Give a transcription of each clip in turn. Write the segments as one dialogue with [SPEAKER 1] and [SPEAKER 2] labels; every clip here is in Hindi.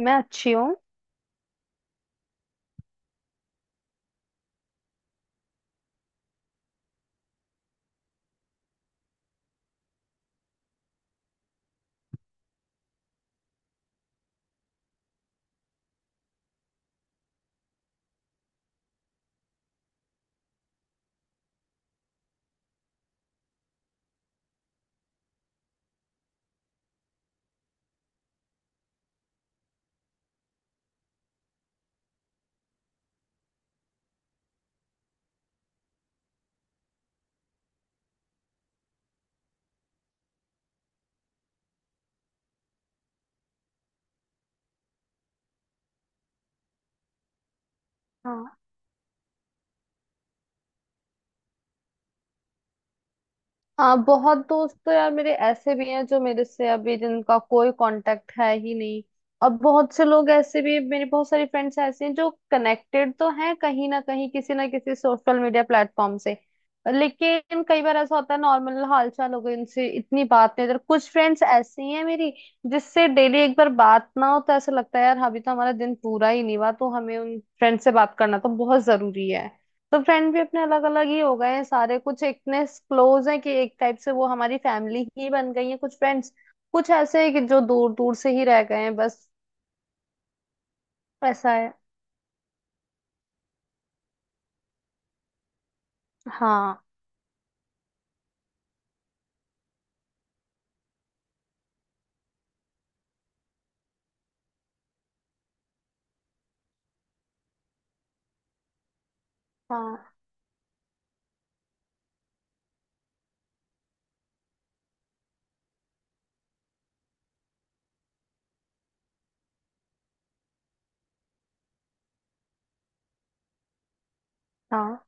[SPEAKER 1] मैं अच्छी हूँ। हाँ। हाँ, बहुत दोस्त तो यार मेरे ऐसे भी हैं जो मेरे से अभी जिनका कोई कांटेक्ट है ही नहीं। और बहुत से लोग ऐसे भी, मेरे बहुत सारे फ्रेंड्स ऐसे हैं जो कनेक्टेड तो हैं कहीं ना कहीं किसी ना किसी सोशल मीडिया प्लेटफॉर्म से, लेकिन कई बार ऐसा होता है नॉर्मल हालचाल हो गई, उनसे इतनी बात नहीं होती। और कुछ फ्रेंड्स ऐसी हैं मेरी जिससे डेली एक बार बात ना हो तो ऐसा लगता है यार अभी तो हमारा दिन पूरा ही नहीं हुआ, तो हमें उन फ्रेंड से बात करना तो बहुत जरूरी है। तो फ्रेंड भी अपने अलग अलग ही हो गए हैं सारे। कुछ इतने क्लोज हैं कि एक टाइप से वो हमारी फैमिली ही बन गई है, कुछ फ्रेंड्स कुछ ऐसे हैं कि जो दूर दूर से ही रह गए हैं बस। ऐसा है। हाँ हाँ। हाँ।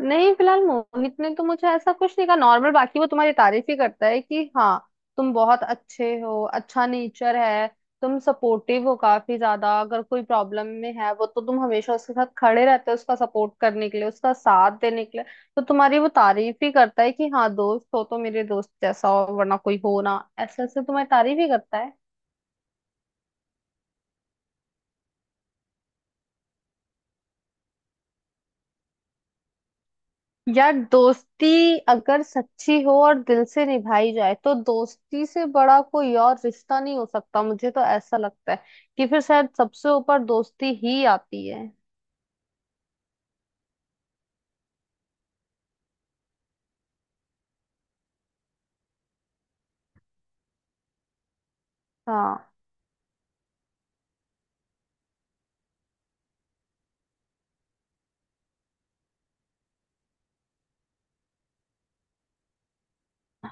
[SPEAKER 1] नहीं, फिलहाल मोहित ने तो मुझे ऐसा कुछ नहीं कहा नॉर्मल, बाकी वो तुम्हारी तारीफ ही करता है कि हाँ, तुम बहुत अच्छे हो, अच्छा नेचर है, तुम सपोर्टिव हो काफी ज्यादा, अगर कोई प्रॉब्लम में है वो तो तुम हमेशा उसके साथ खड़े रहते हो, उसका सपोर्ट करने के लिए, उसका साथ देने के लिए। तो तुम्हारी वो तारीफ ही करता है कि हाँ दोस्त हो तो मेरे दोस्त जैसा हो वरना कोई हो ना, ऐसे ऐसे तुम्हारी तारीफ ही करता है। यार दोस्ती अगर सच्ची हो और दिल से निभाई जाए तो दोस्ती से बड़ा कोई और रिश्ता नहीं हो सकता, मुझे तो ऐसा लगता है कि फिर शायद सबसे ऊपर दोस्ती ही आती है। हाँ।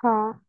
[SPEAKER 1] हाँ।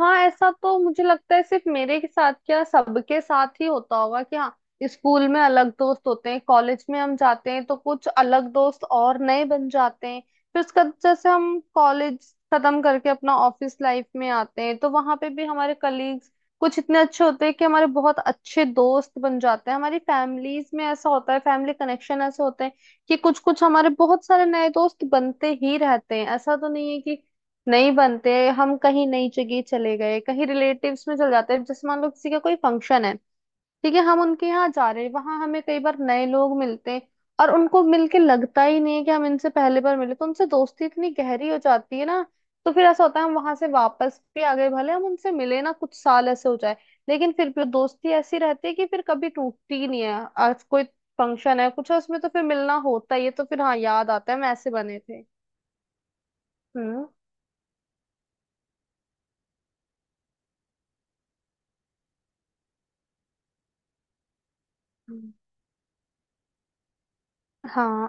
[SPEAKER 1] हाँ, ऐसा तो मुझे लगता है सिर्फ मेरे के साथ क्या, सबके साथ ही होता होगा कि हाँ, स्कूल में अलग दोस्त होते हैं, कॉलेज में हम जाते हैं तो कुछ अलग दोस्त और नए बन जाते हैं। फिर उसका जैसे हम कॉलेज खत्म करके अपना ऑफिस लाइफ में आते हैं तो वहां पे भी हमारे कलीग्स कुछ इतने अच्छे होते हैं कि हमारे बहुत अच्छे दोस्त बन जाते हैं। हमारी फैमिलीज में ऐसा होता है, फैमिली कनेक्शन ऐसे होते हैं कि कुछ कुछ हमारे बहुत सारे नए दोस्त बनते ही रहते हैं। ऐसा तो नहीं है कि नहीं बनते। हम कहीं नई जगह चले गए, कहीं रिलेटिव्स में चल जाते हैं, जैसे मान लो किसी का कोई फंक्शन है, ठीक है, हम उनके यहाँ जा रहे हैं, वहां हमें कई बार नए लोग मिलते हैं और उनको मिलके लगता ही नहीं है कि हम इनसे पहले बार मिले, तो उनसे दोस्ती इतनी गहरी हो जाती है ना। तो फिर ऐसा होता है हम वहां से वापस भी आ गए, भले हम उनसे मिले ना कुछ साल ऐसे हो जाए, लेकिन फिर भी दोस्ती ऐसी रहती है कि फिर कभी टूटती ही नहीं है। आज कोई फंक्शन है कुछ है उसमें तो फिर मिलना होता ही है, तो फिर हाँ याद आता है हम ऐसे बने थे। हम्म हम्म। हाँ।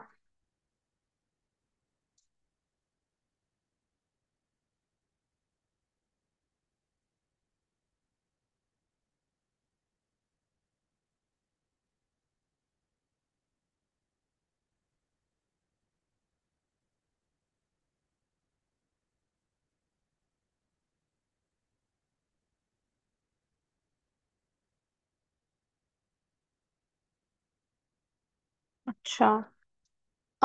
[SPEAKER 1] अच्छा।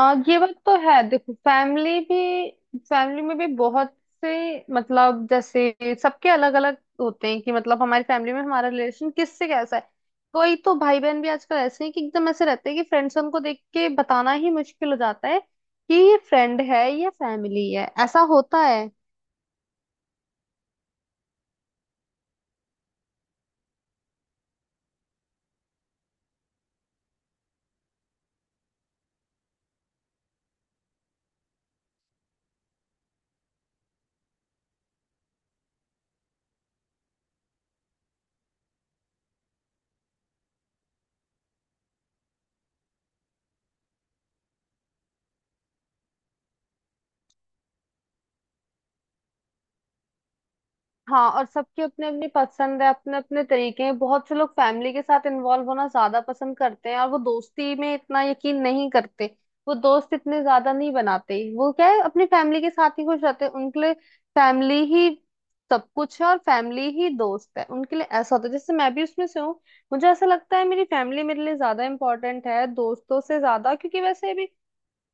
[SPEAKER 1] ये बात तो है, देखो फैमिली भी, फैमिली में भी बहुत से मतलब जैसे सबके अलग अलग होते हैं कि मतलब हमारी फैमिली में हमारा रिलेशन किससे कैसा है। कोई तो भाई बहन भी आजकल ऐसे हैं कि एकदम ऐसे रहते हैं कि फ्रेंड्स, उनको देख के बताना ही मुश्किल हो जाता है कि ये फ्रेंड है या फैमिली है, ऐसा होता है। हाँ, और सबकी अपनी अपनी पसंद है, अपने अपने तरीके हैं। बहुत से लोग फैमिली के साथ इन्वॉल्व होना ज्यादा पसंद करते हैं और वो दोस्ती में इतना यकीन नहीं करते, वो दोस्त इतने ज्यादा नहीं बनाते, वो क्या है अपनी फैमिली के साथ ही खुश रहते हैं। उनके लिए फैमिली ही सब कुछ है और फैमिली ही दोस्त है उनके लिए, ऐसा होता है। जैसे मैं भी उसमें से हूँ, मुझे ऐसा लगता है मेरी फैमिली मेरे लिए ज्यादा इंपॉर्टेंट है दोस्तों से ज्यादा, क्योंकि वैसे भी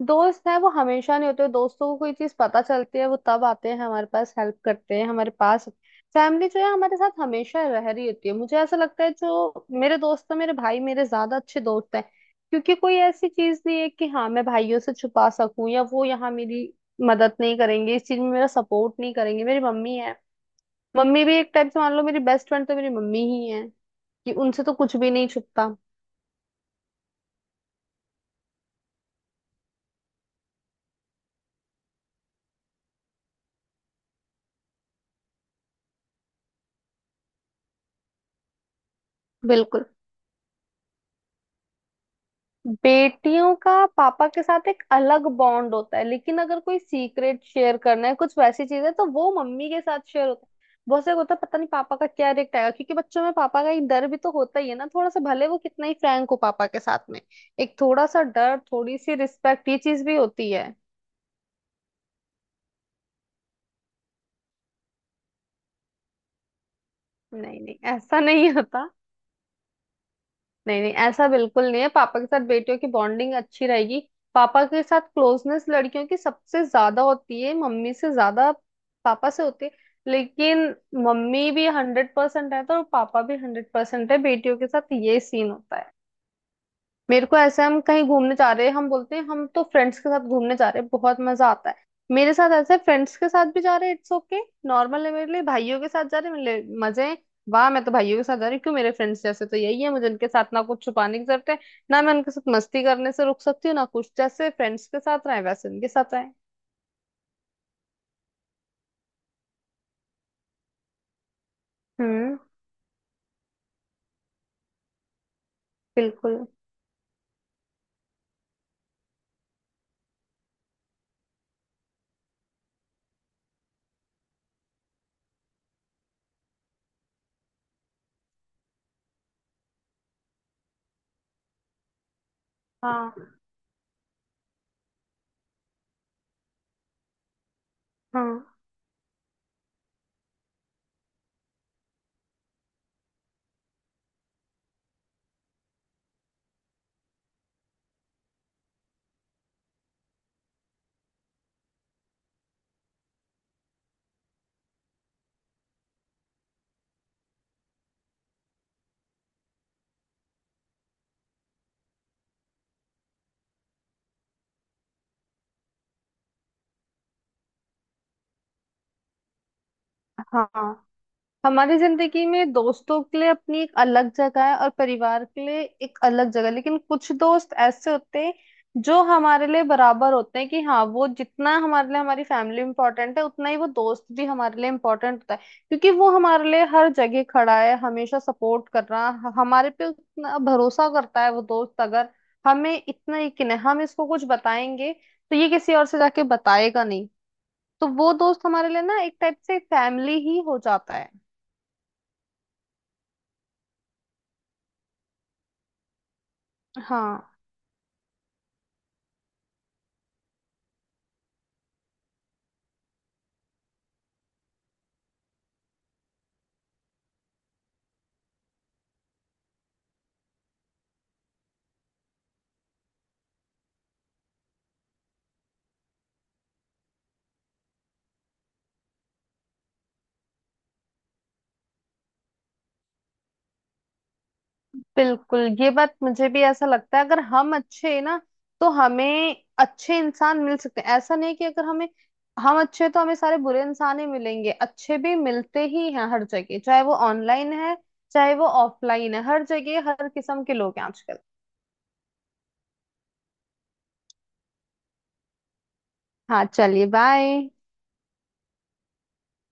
[SPEAKER 1] दोस्त है वो हमेशा नहीं होते, दोस्तों को कोई चीज पता चलती है वो तब आते हैं हमारे पास, हेल्प करते हैं हमारे पास। फैमिली जो है हमारे साथ हमेशा रह रही होती है। मुझे ऐसा लगता है जो मेरे दोस्त हैं, मेरे भाई मेरे ज्यादा अच्छे दोस्त हैं, क्योंकि कोई ऐसी चीज नहीं है कि हाँ मैं भाइयों से छुपा सकूं या वो यहाँ मेरी मदद नहीं करेंगे, इस चीज में मेरा सपोर्ट नहीं करेंगे। मेरी मम्मी है, मम्मी भी एक टाइप से मान लो मेरी बेस्ट फ्रेंड तो मेरी मम्मी ही है, कि उनसे तो कुछ भी नहीं छुपता। बिल्कुल। बेटियों का पापा के साथ एक अलग बॉन्ड होता है, लेकिन अगर कोई सीक्रेट शेयर करना है, कुछ वैसी चीज है तो वो मम्मी के साथ शेयर होता है। बहुत से होता है पता नहीं पापा का क्या रिएक्ट आएगा, क्योंकि बच्चों में पापा का एक डर भी तो होता ही है ना थोड़ा सा, भले वो कितना ही फ्रैंक हो पापा के साथ में। एक थोड़ा सा डर, थोड़ी सी रिस्पेक्ट ये चीज भी होती है। नहीं नहीं, ऐसा नहीं होता। नहीं नहीं, ऐसा बिल्कुल नहीं है, पापा के साथ बेटियों की बॉन्डिंग अच्छी रहेगी। पापा के साथ क्लोजनेस लड़कियों की सबसे ज्यादा होती है, मम्मी से ज्यादा पापा से होती है। लेकिन मम्मी भी 100% है तो पापा भी 100% है, बेटियों के साथ ये सीन होता है। मेरे को ऐसा, हम कहीं घूमने जा रहे हैं, हम बोलते हैं हम तो फ्रेंड्स के साथ घूमने जा रहे हैं, बहुत मजा आता है। मेरे साथ ऐसा है फ्रेंड्स के साथ भी जा रहे हैं, इट्स ओके, नॉर्मल है मेरे लिए। भाइयों के साथ जा रहे हैं मेरे लिए मजे हैं, वाह मैं तो भाइयों के साथ जा रही हूँ क्यों, मेरे फ्रेंड्स जैसे तो यही है मुझे, उनके साथ ना कुछ छुपाने की जरूरत है, ना मैं उनके साथ मस्ती करने से रुक सकती हूँ, ना कुछ, जैसे फ्रेंड्स के साथ रहे वैसे उनके साथ रहे। हम्म। बिल्कुल। हाँ। हाँ। हाँ, हमारी जिंदगी में दोस्तों के लिए अपनी एक अलग जगह है और परिवार के लिए एक अलग जगह है। लेकिन कुछ दोस्त ऐसे होते हैं जो हमारे लिए बराबर होते हैं कि हाँ, वो जितना हमारे लिए हमारी फैमिली इंपॉर्टेंट है उतना ही वो दोस्त भी हमारे लिए इम्पोर्टेंट होता है, क्योंकि वो हमारे लिए हर जगह खड़ा है, हमेशा सपोर्ट कर रहा हमारे पे उतना भरोसा करता है वो दोस्त, अगर हमें इतना यकीन है हम इसको कुछ बताएंगे तो ये किसी और से जाके बताएगा नहीं, तो वो दोस्त हमारे लिए ना एक टाइप से फैमिली ही हो जाता है। हाँ। बिल्कुल, ये बात मुझे भी ऐसा लगता है, अगर हम अच्छे हैं ना तो हमें अच्छे इंसान मिल सकते हैं। ऐसा नहीं कि अगर हमें, हम अच्छे हैं तो हमें सारे बुरे इंसान ही मिलेंगे, अच्छे भी मिलते ही हैं हर जगह, चाहे वो ऑनलाइन है चाहे वो ऑफलाइन है, हर जगह हर किस्म के लोग हैं आजकल। हाँ, चलिए, बाय।